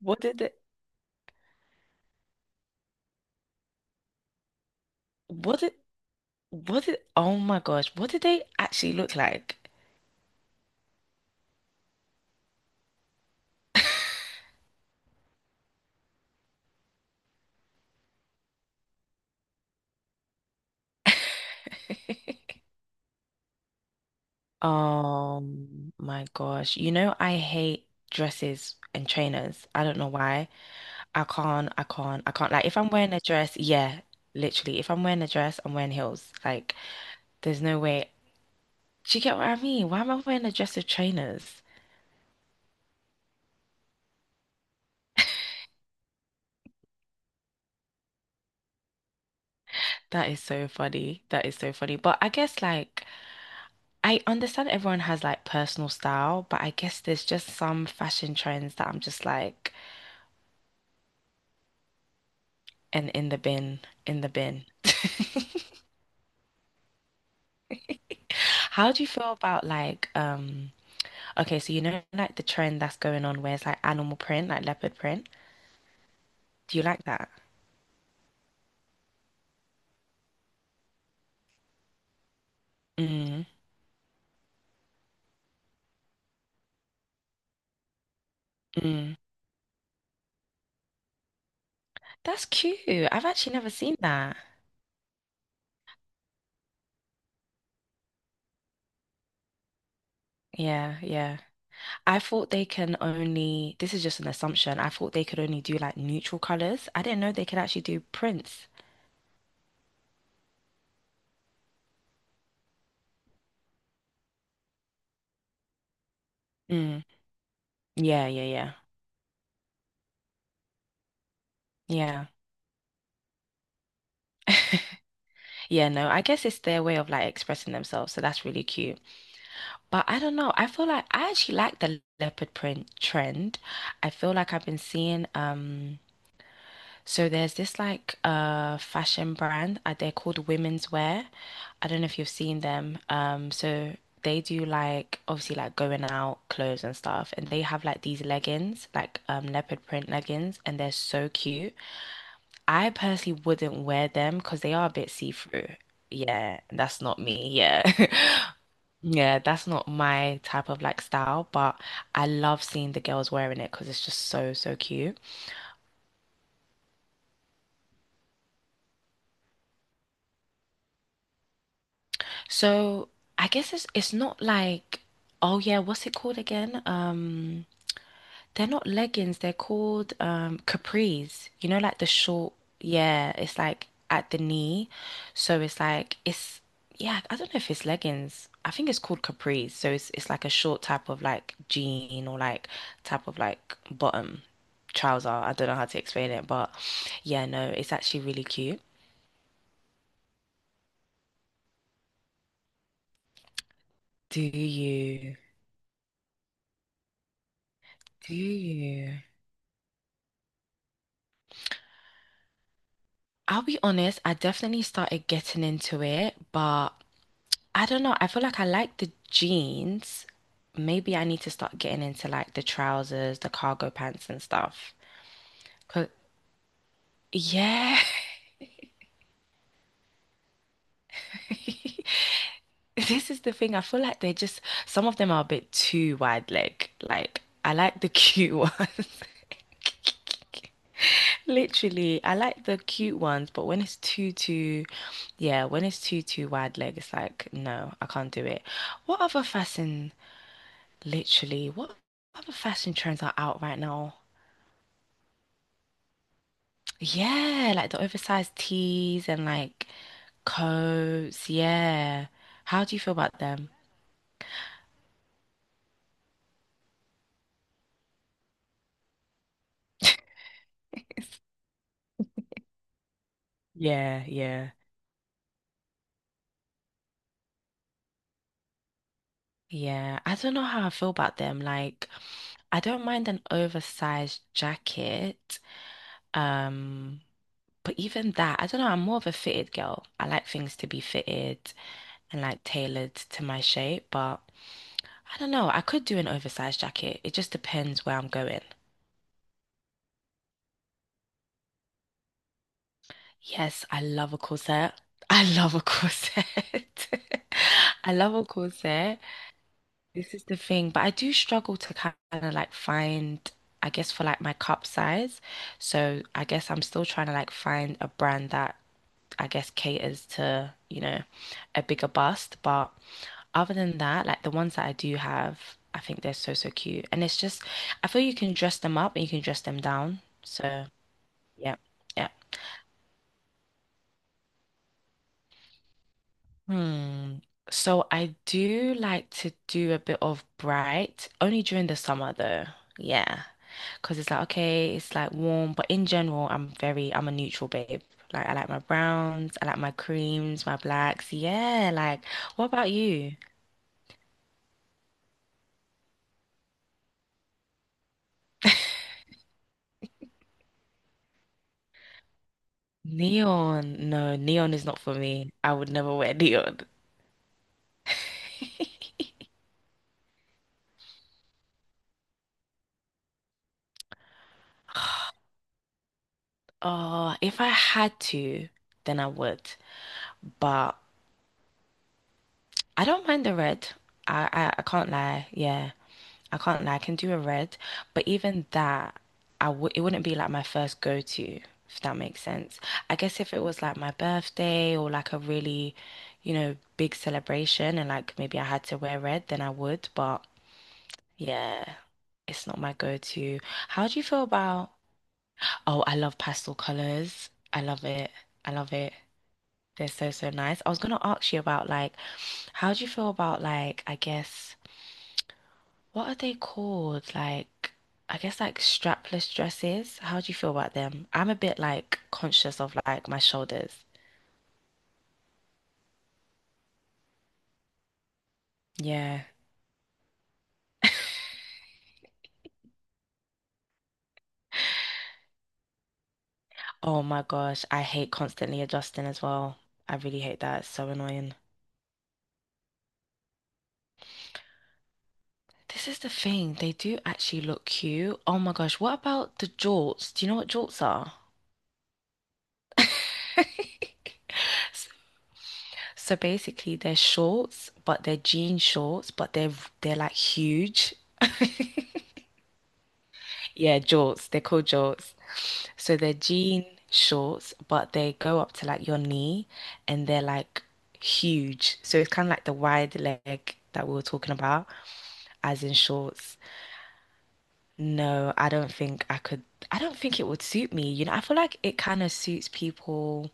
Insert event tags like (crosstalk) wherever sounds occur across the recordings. What did they, what did, what did, oh my gosh, what did they actually look like? (laughs) Oh my gosh. You know, I hate dresses and trainers. I don't know why. I can't. Like, if I'm wearing a dress, yeah, literally. If I'm wearing a dress, I'm wearing heels. Like, there's no way. Do you get what I mean? Why am I wearing a dress with trainers? That is so funny. That is so funny. But I guess, like, I understand everyone has like personal style, but I guess there's just some fashion trends that I'm just like, and in the bin, in the bin. (laughs) How do you feel about like, okay, so you know like the trend that's going on where it's like animal print, like leopard print? Do you like that? Mm, mm. That's cute. I've actually never seen that. Yeah, yeah. I thought they can only, this is just an assumption. I thought they could only do like neutral colors. I didn't know they could actually do prints. Mm. Yeah, yeah, yeah. Yeah. Yeah, no, I guess it's their way of like expressing themselves, so that's really cute. But I don't know. I feel like I actually like the leopard print trend. I feel like I've been seeing so there's this like fashion brand, they're called Women's Wear. I don't know if you've seen them. So they do like obviously like going out clothes and stuff and they have like these leggings, like leopard print leggings and they're so cute. I personally wouldn't wear them because they are a bit see-through. Yeah, that's not me. Yeah. (laughs) Yeah, that's not my type of like style, but I love seeing the girls wearing it because it's just so, so cute. So I guess it's not like, oh yeah, what's it called again? They're not leggings, they're called capris. You know, like the short, yeah, it's like at the knee. So it's like it's yeah, I don't know if it's leggings. I think it's called capris. So it's like a short type of like jean or like type of like bottom trouser. I don't know how to explain it, but yeah, no, it's actually really cute. Do you? Do you? I'll be honest, I definitely started getting into it, but I don't know. I feel like I like the jeans. Maybe I need to start getting into like the trousers, the cargo pants and stuff. 'Cause yeah. (laughs) This is the thing. I feel like they're just some of them are a bit too wide leg. Like I like the cute (laughs) ones. Literally, I like the cute ones, but when it's too too yeah, when it's too too wide leg, it's like no, I can't do it. What other fashion Literally, what other fashion trends are out right now? Yeah, like the oversized tees and like coats. Yeah. How do you feel about them? Yeah, yeah. Yeah, I don't know how I feel about them. Like, I don't mind an oversized jacket. Um, but even that, I don't know, I'm more of a fitted girl. I like things to be fitted and like tailored to my shape, but I don't know, I could do an oversized jacket. It just depends where I'm going. Yes, I love a corset. (laughs) I love a corset. (laughs) I love a corset. This is the thing, but I do struggle to kind of like find, I guess, for like my cup size. So I guess I'm still trying to like find a brand that I guess caters to, you know, a bigger bust. But other than that, like the ones that I do have, I think they're so, so cute. And it's just, I feel you can dress them up and you can dress them down. So yeah, yeah. Hmm. So I do like to do a bit of bright, only during the summer though. Yeah, cause it's like okay, it's like warm, but in general, I'm a neutral babe. Like I like my browns, I like my creams, my blacks. Yeah, like what about you? Neon. No, neon is not for me. I would never wear (laughs) neon. Oh, if I had to, then I would. But I don't mind the red. I can't lie. Yeah. I can't lie, I can do a red, but even that, I w it wouldn't be like my first go-to, if that makes sense. I guess if it was like my birthday or like a really, you know, big celebration and like maybe I had to wear red, then I would, but yeah, it's not my go-to. How do you feel about, oh, I love pastel colors. I love it. I love it. They're so, so nice. I was gonna ask you about like, how do you feel about like, I guess what are they called? Like, I guess like strapless dresses. How do you feel about them? I'm a bit like conscious of like my shoulders. Yeah. Oh my gosh, I hate constantly adjusting as well. I really hate that. It's so annoying. This is the thing. They do actually look cute. Oh my gosh, what about the jorts? Do you know what jorts are? S- So basically, they're shorts, but they're jean shorts, but they're like huge. Yeah, jorts. They're called jorts. So they're jean shorts, but they go up to like your knee and they're like huge. So it's kind of like the wide leg that we were talking about, as in shorts. No, I don't think I could. I don't think it would suit me. You know, I feel like it kind of suits people.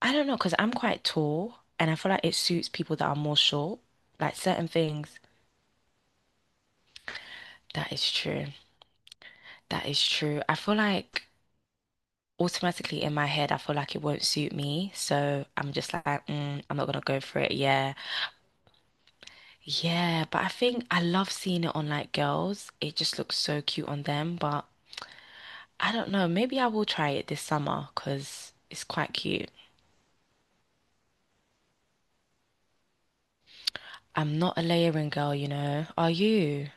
I don't know, because I'm quite tall and I feel like it suits people that are more short. Like certain things. That is true. That is true. I feel like automatically in my head, I feel like it won't suit me. So I'm just like, mm, I'm not gonna go for it. Yeah. Yeah. But I think I love seeing it on like girls. It just looks so cute on them. But I don't know. Maybe I will try it this summer because it's quite cute. I'm not a layering girl, you know. Are you?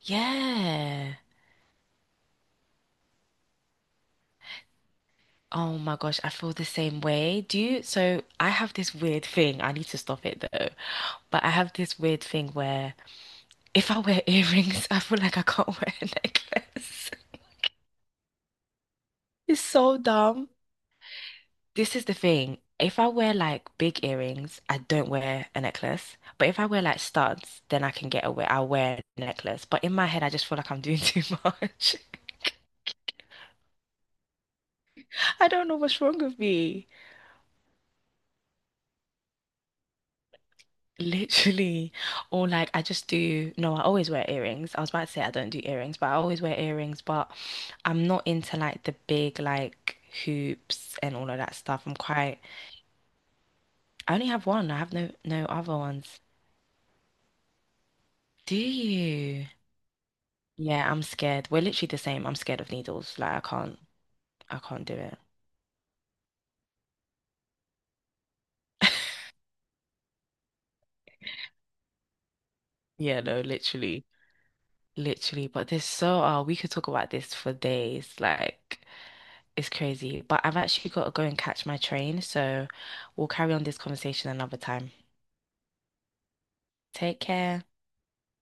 Yeah. Oh my gosh, I feel the same way. Do you? So I have this weird thing. I need to stop it though. But I have this weird thing where if I wear earrings, I feel like I can't (laughs) wear a necklace. (laughs) It's so dumb. This is the thing. If I wear like big earrings, I don't wear a necklace. But if I wear like studs, then I can get away. I'll wear a necklace. But in my head, I just feel like I'm doing too much. (laughs) I don't know what's wrong with me. Literally. Or like I just do, no, I always wear earrings. I was about to say I don't do earrings, but I always wear earrings. But I'm not into like the big like hoops and all of that stuff. I'm quite I only have one. I have no other ones. Do you? Yeah, I'm scared. We're literally the same. I'm scared of needles. I can't do it. Yeah, no, literally, literally. But there's so, we could talk about this for days. Like, it's crazy. But I've actually got to go and catch my train. So we'll carry on this conversation another time. Take care.